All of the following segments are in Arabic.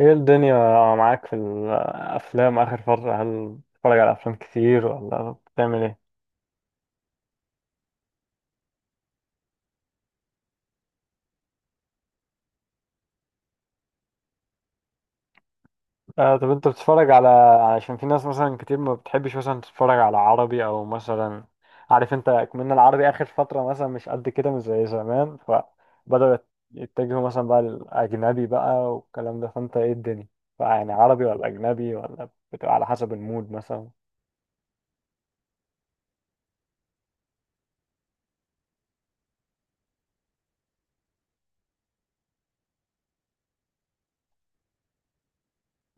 ايه الدنيا معاك في الافلام اخر فترة، هل بتتفرج على افلام كتير ولا بتعمل ايه؟ آه، طب انت بتتفرج على، عشان في ناس مثلا كتير ما بتحبش مثلا تتفرج على عربي او مثلا، عارف انت كمان العربي اخر فترة مثلا مش قد كده مش زي زمان، فبدأوا يتجهوا مثلا بقى للاجنبي بقى والكلام ده، فانت ايه الدنيا، فيعني عربي ولا اجنبي ولا بتبقى على حسب المود مثلا؟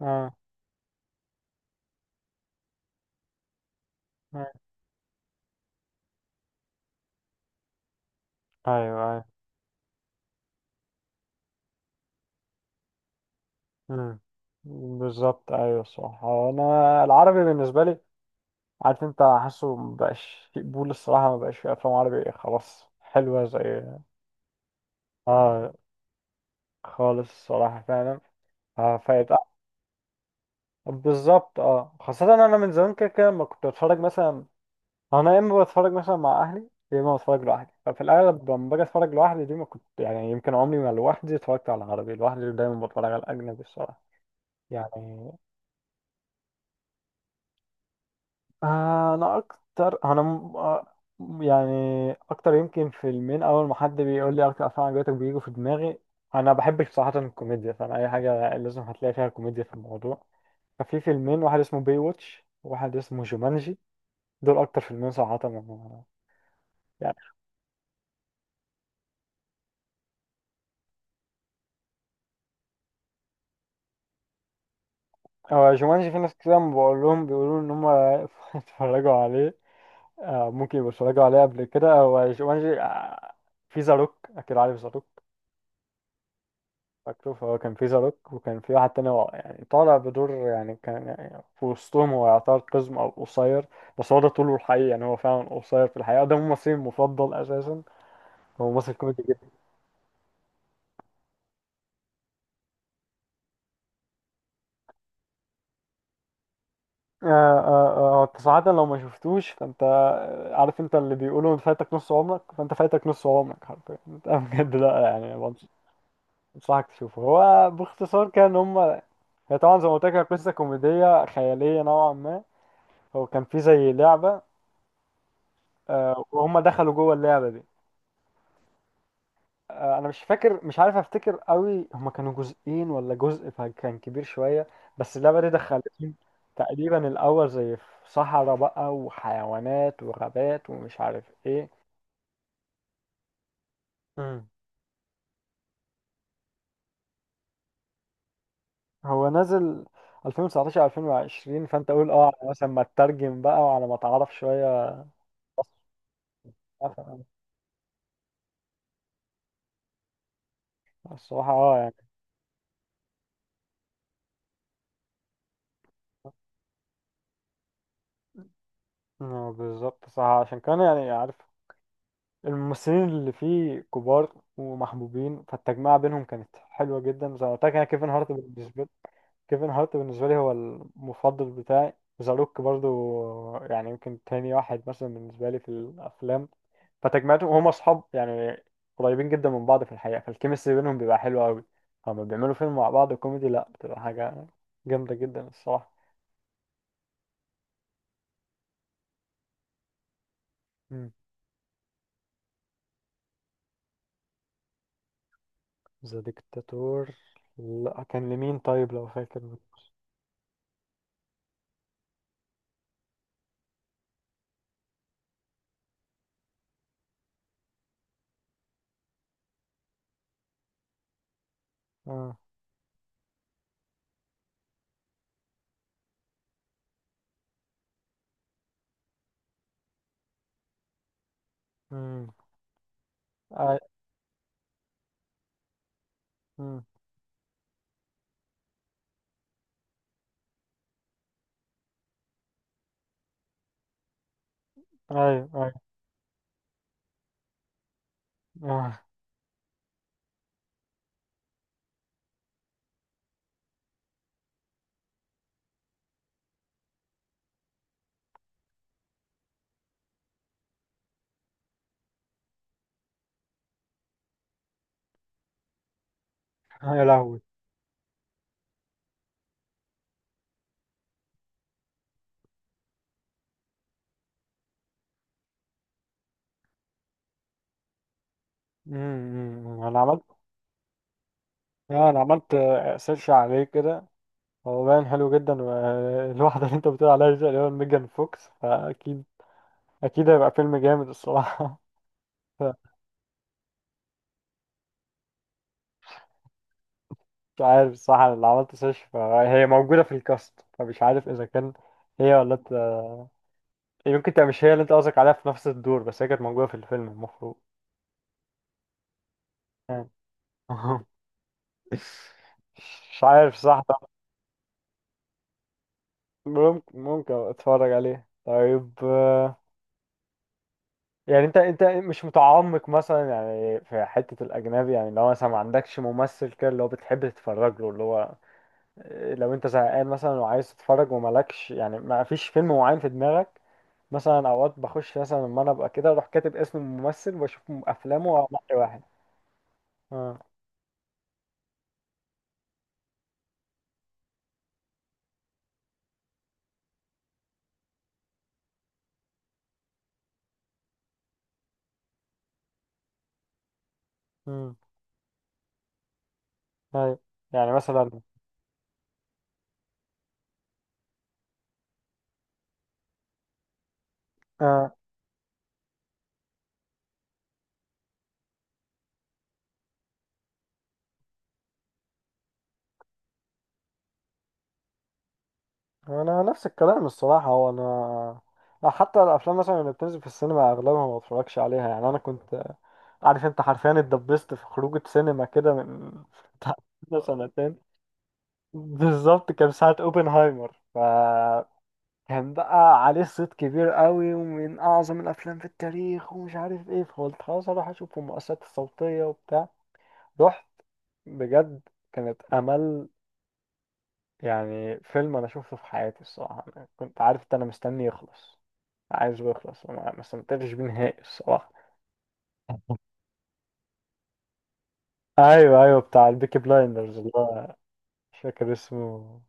اه، آه، ايوه. مم. بالظبط، ايوه صح. هو انا العربي بالنسبه لي، عارف انت، حاسه مبقاش في قبول الصراحه، مبقاش في افلام عربي خلاص حلوه زي، اه خالص الصراحه فعلا. آه فيبقى بالظبط، اه، خاصه انا من زمان كده كده ما كنت بتفرج مثلا، انا يا اما بتفرج مثلا مع اهلي يا اما بتفرج لوحدي، ففي الاغلب لما باجي اتفرج لوحدي دي، ما كنت يعني يمكن عمري ما لوحدي اتفرجت على العربي لوحدي، دايما بتفرج على الاجنبي الصراحه يعني. انا اكتر، انا م- آه، يعني اكتر يمكن فيلمين اول ما حد بيقول لي اكتر افلام عجبتك بيجوا في دماغي. انا بحبش بصراحه الكوميديا، فانا اي حاجه لازم هتلاقي فيها كوميديا في الموضوع. ففي فيلمين، واحد اسمه باي واتش وواحد اسمه جومانجي، دول اكتر فيلمين صراحه يعني. هو جومانجي في ناس كتير لما بقول لهم بيقولوا ان هم اتفرجوا عليه. ممكن يبقوا اتفرجوا عليه قبل كده. هو جومانجي، في زاروك، اكيد عارف زاروك، فاكره. فهو كان في زاروك وكان في واحد تاني هو يعني طالع بدور، يعني كان يعني في وسطهم هو يعتبر قزم أو قصير، بس هو ده طوله الحقيقي يعني هو فعلا قصير في الحقيقة. ده ممثلي المفضل أساسا، هو ممثل كوميدي جدا. آه آه، آه، أنت صراحة لو ما شفتوش فأنت، عارف أنت، اللي بيقولوا أنت فايتك نص عمرك، فأنت فايتك نص عمرك حرفيا أنت بجد لأ يعني، بنصحك تشوفه. هو باختصار كان هما، هي طبعا زي ما قلت لك هي قصة كوميدية خيالية نوعا ما. هو كان في زي لعبة، وهم دخلوا جوه اللعبة دي. انا مش فاكر، مش عارف افتكر قوي هما كانوا جزئين ولا جزء، فكان كبير شويه، بس اللعبه دي دخلتهم. تقريبا الاول زي في صحراء بقى وحيوانات وغابات ومش عارف ايه. مم. هو نازل 2019 2020، فانت قول اه على مثلا ما تترجم بقى وعلى ما تعرف شويه. الصراحه اه يعني، بالظبط صح. عشان كان يعني عارف، الممثلين اللي فيه كبار ومحبوبين، فالتجمعة بينهم كانت حلوة جدا. زي ما قلت لك انا كيفن هارت بالنسبة لي، كيفن هارت بالنسبة لي هو المفضل بتاعي. ذا روك برضو يعني، يمكن تاني واحد مثلا بالنسبة لي في الأفلام. فتجمعتهم هما أصحاب يعني، قريبين جدا من بعض في الحقيقة، فالكيمستري بينهم بيبقى حلو أوي. هما بيعملوا فيلم مع بعض كوميدي لأ، بتبقى حاجة جامدة جدا الصراحة. ذا ديكتاتور، لأ، كان لمين طيب لو فاكر؟ آه. مم. أي... مم. أيوه، أيوه. آه. يا لهوي. مم. مم. أنا عملت، أنا عملت سيرش عليه كده، هو باين حلو جدا. والواحدة اللي انت بتقول عليها دي، اللي هو ميجان فوكس، فأكيد أكيد هيبقى فيلم جامد الصراحة. مش عارف الصراحة، أنا اللي عملت سيرش فهي موجودة في الكاست، فمش عارف إذا كان هي ولا انت، يمكن تبقى مش هي اللي انت قصدك عليها في نفس الدور، بس هي كانت موجودة في الفيلم المفروض يعني. مش عارف صح. ممكن ممكن أبقى اتفرج عليه طيب. يعني انت مش متعمق مثلا يعني في حتة الأجنبي؟ يعني لو مثلا ما عندكش ممثل كده اللي هو بتحب تتفرج له، اللي هو لو انت زهقان مثلا وعايز تتفرج ومالكش يعني ما فيش فيلم معين في دماغك. مثلا اوقات بخش مثلا لما انا ابقى كده اروح كاتب اسم الممثل واشوف افلامه واحد واحد. اه. امم. ايوه. يعني مثلا، انا نفس الكلام الصراحه. هو انا لا، حتى الافلام مثلا اللي بتنزل في السينما اغلبها ما بتفرجش عليها. يعني انا كنت، عارف انت، حرفيا اتدبست في خروجه سينما كده من بتاع سنتين. بالظبط كان ساعه اوبنهايمر، ف كان بقى عليه صيت كبير قوي ومن اعظم الافلام في التاريخ ومش عارف ايه، فقلت خلاص اروح اشوف المؤثرات الصوتيه وبتاع. رحت بجد، كانت امل. يعني فيلم انا شفته في حياتي الصراحه، أنا كنت عارف ان انا مستني يخلص، عايز بيخلص، ما استمتعتش بيه نهائي الصراحة. ايوه ايوه بتاع البيكي بلايندرز. الله، مش فاكر اسمه.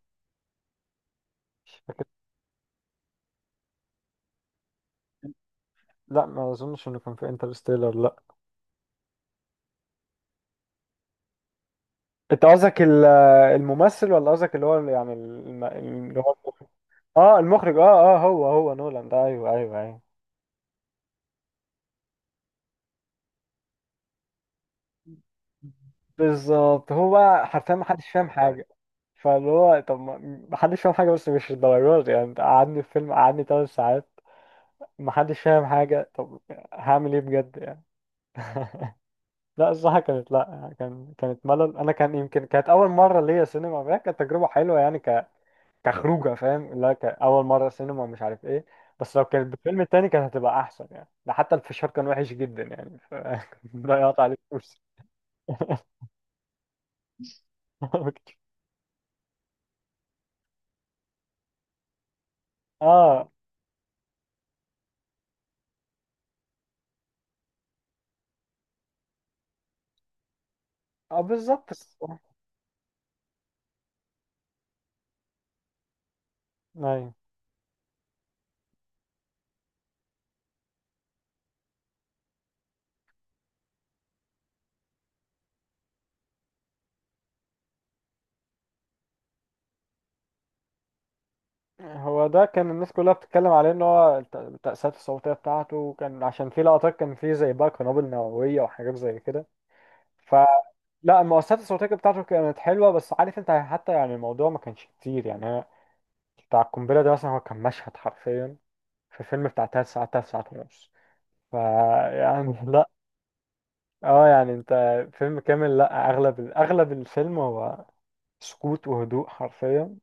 مش فاكر. لا ما اظنش انه كان في انترستيلر، لا. انت قصدك الممثل ولا قصدك اللي هو يعني اللي هو المخرج؟ اه المخرج، اه اه، هو هو نولان ده، ايوه ايوه ايوه. بالظبط، هو بقى حرفيا ما حدش فاهم حاجه، فاللي هو طب ما، ما حدش فاهم حاجه بس مش الدرجات دي. يعني انت قعدني في فيلم قعدني 3 ساعات ما حدش فاهم حاجه، طب هعمل ايه بجد يعني؟ لا الصراحة كانت، لا كان كانت ملل أنا كان يمكن كانت أول مرة ليا سينما فهي كانت تجربة حلوة يعني، كخروجة فاهم، لا كأول مرة سينما مش عارف إيه. بس لو كانت بالفيلم التاني كانت هتبقى أحسن يعني، ده حتى الفشار كان وحش جدا يعني ف... ضيعت عليه فلوس. آه آه بالظبط أيوه. هو ده كان الناس كلها بتتكلم عليه إن هو التأثيرات الصوتية بتاعته، كان عشان في لقطات كان فيه زي بقى قنابل نووية وحاجات زي كده ف، لا المؤثرات الصوتية بتاعته كانت حلوة، بس عارف انت حتى يعني الموضوع ما كانش كتير يعني انا، بتاع القنبلة ده مثلا هو كان مشهد حرفيا في فيلم بتاع تلات ساعات، تلات ساعات ونص ف، يعني لا. اه يعني انت، فيلم كامل لا، اغلب الفيلم هو سكوت وهدوء حرفيا،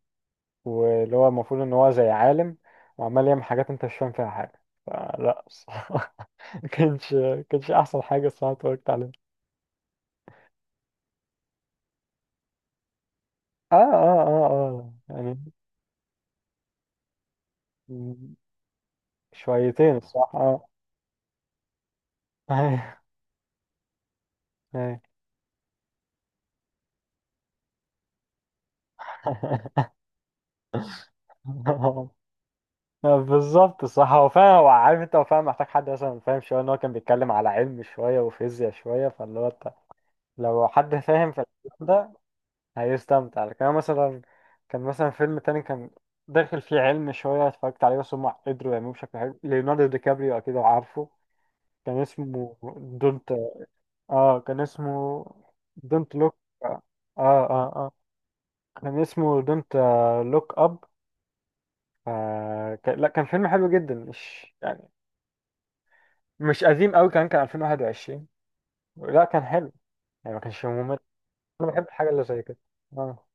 واللي هو المفروض ان هو زي عالم وعمال يعمل حاجات انت مش فاهم فيها حاجة، فلا الصراحة ما كانش احسن حاجة الصراحة اتفرجت عليها. اه اه اه اه يعني، شويتين الصراحة. اه ايه. بالظبط صح. هو فعلا، هو عارف انت هو فعلا محتاج حد مثلا فاهم شويه، ان هو كان بيتكلم على علم شويه وفيزياء شويه، فاللي هو انت لو حد فاهم في الكلام ده هيستمتع، لكن أنا مثلا، كان مثلا فيلم تاني كان داخل فيه علم شويه اتفرجت عليه بس هم قدروا يعملوه بشكل حلو. ليوناردو دي كابريو اكيد عارفه، كان اسمه دونت. اه كان اسمه دونت لوك. اه اه اه. آه. كان اسمه دونت لوك اب. آه لا كان فيلم حلو جدا، مش يعني مش قديم قوي، كان 2021. لا كان حلو يعني ما كانش ممل. انا بحب الحاجه اللي زي كده. اه.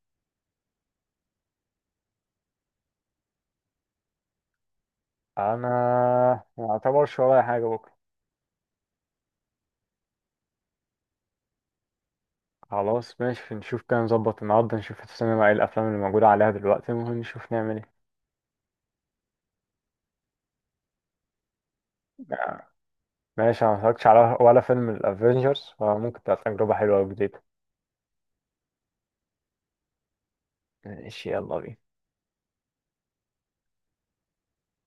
انا ما اعتبرش ورايا حاجه بكره. خلاص ماشي، نشوف كده نظبط النهارده نشوف في السينما ايه الافلام اللي موجوده عليها دلوقتي، ممكن نشوف نعمل ايه. آه، ماشي، انا ما اتفرجتش على ولا فيلم الافينجرز، فممكن تبقى تجربه حلوه وجديده. ماشي، يلا بينا.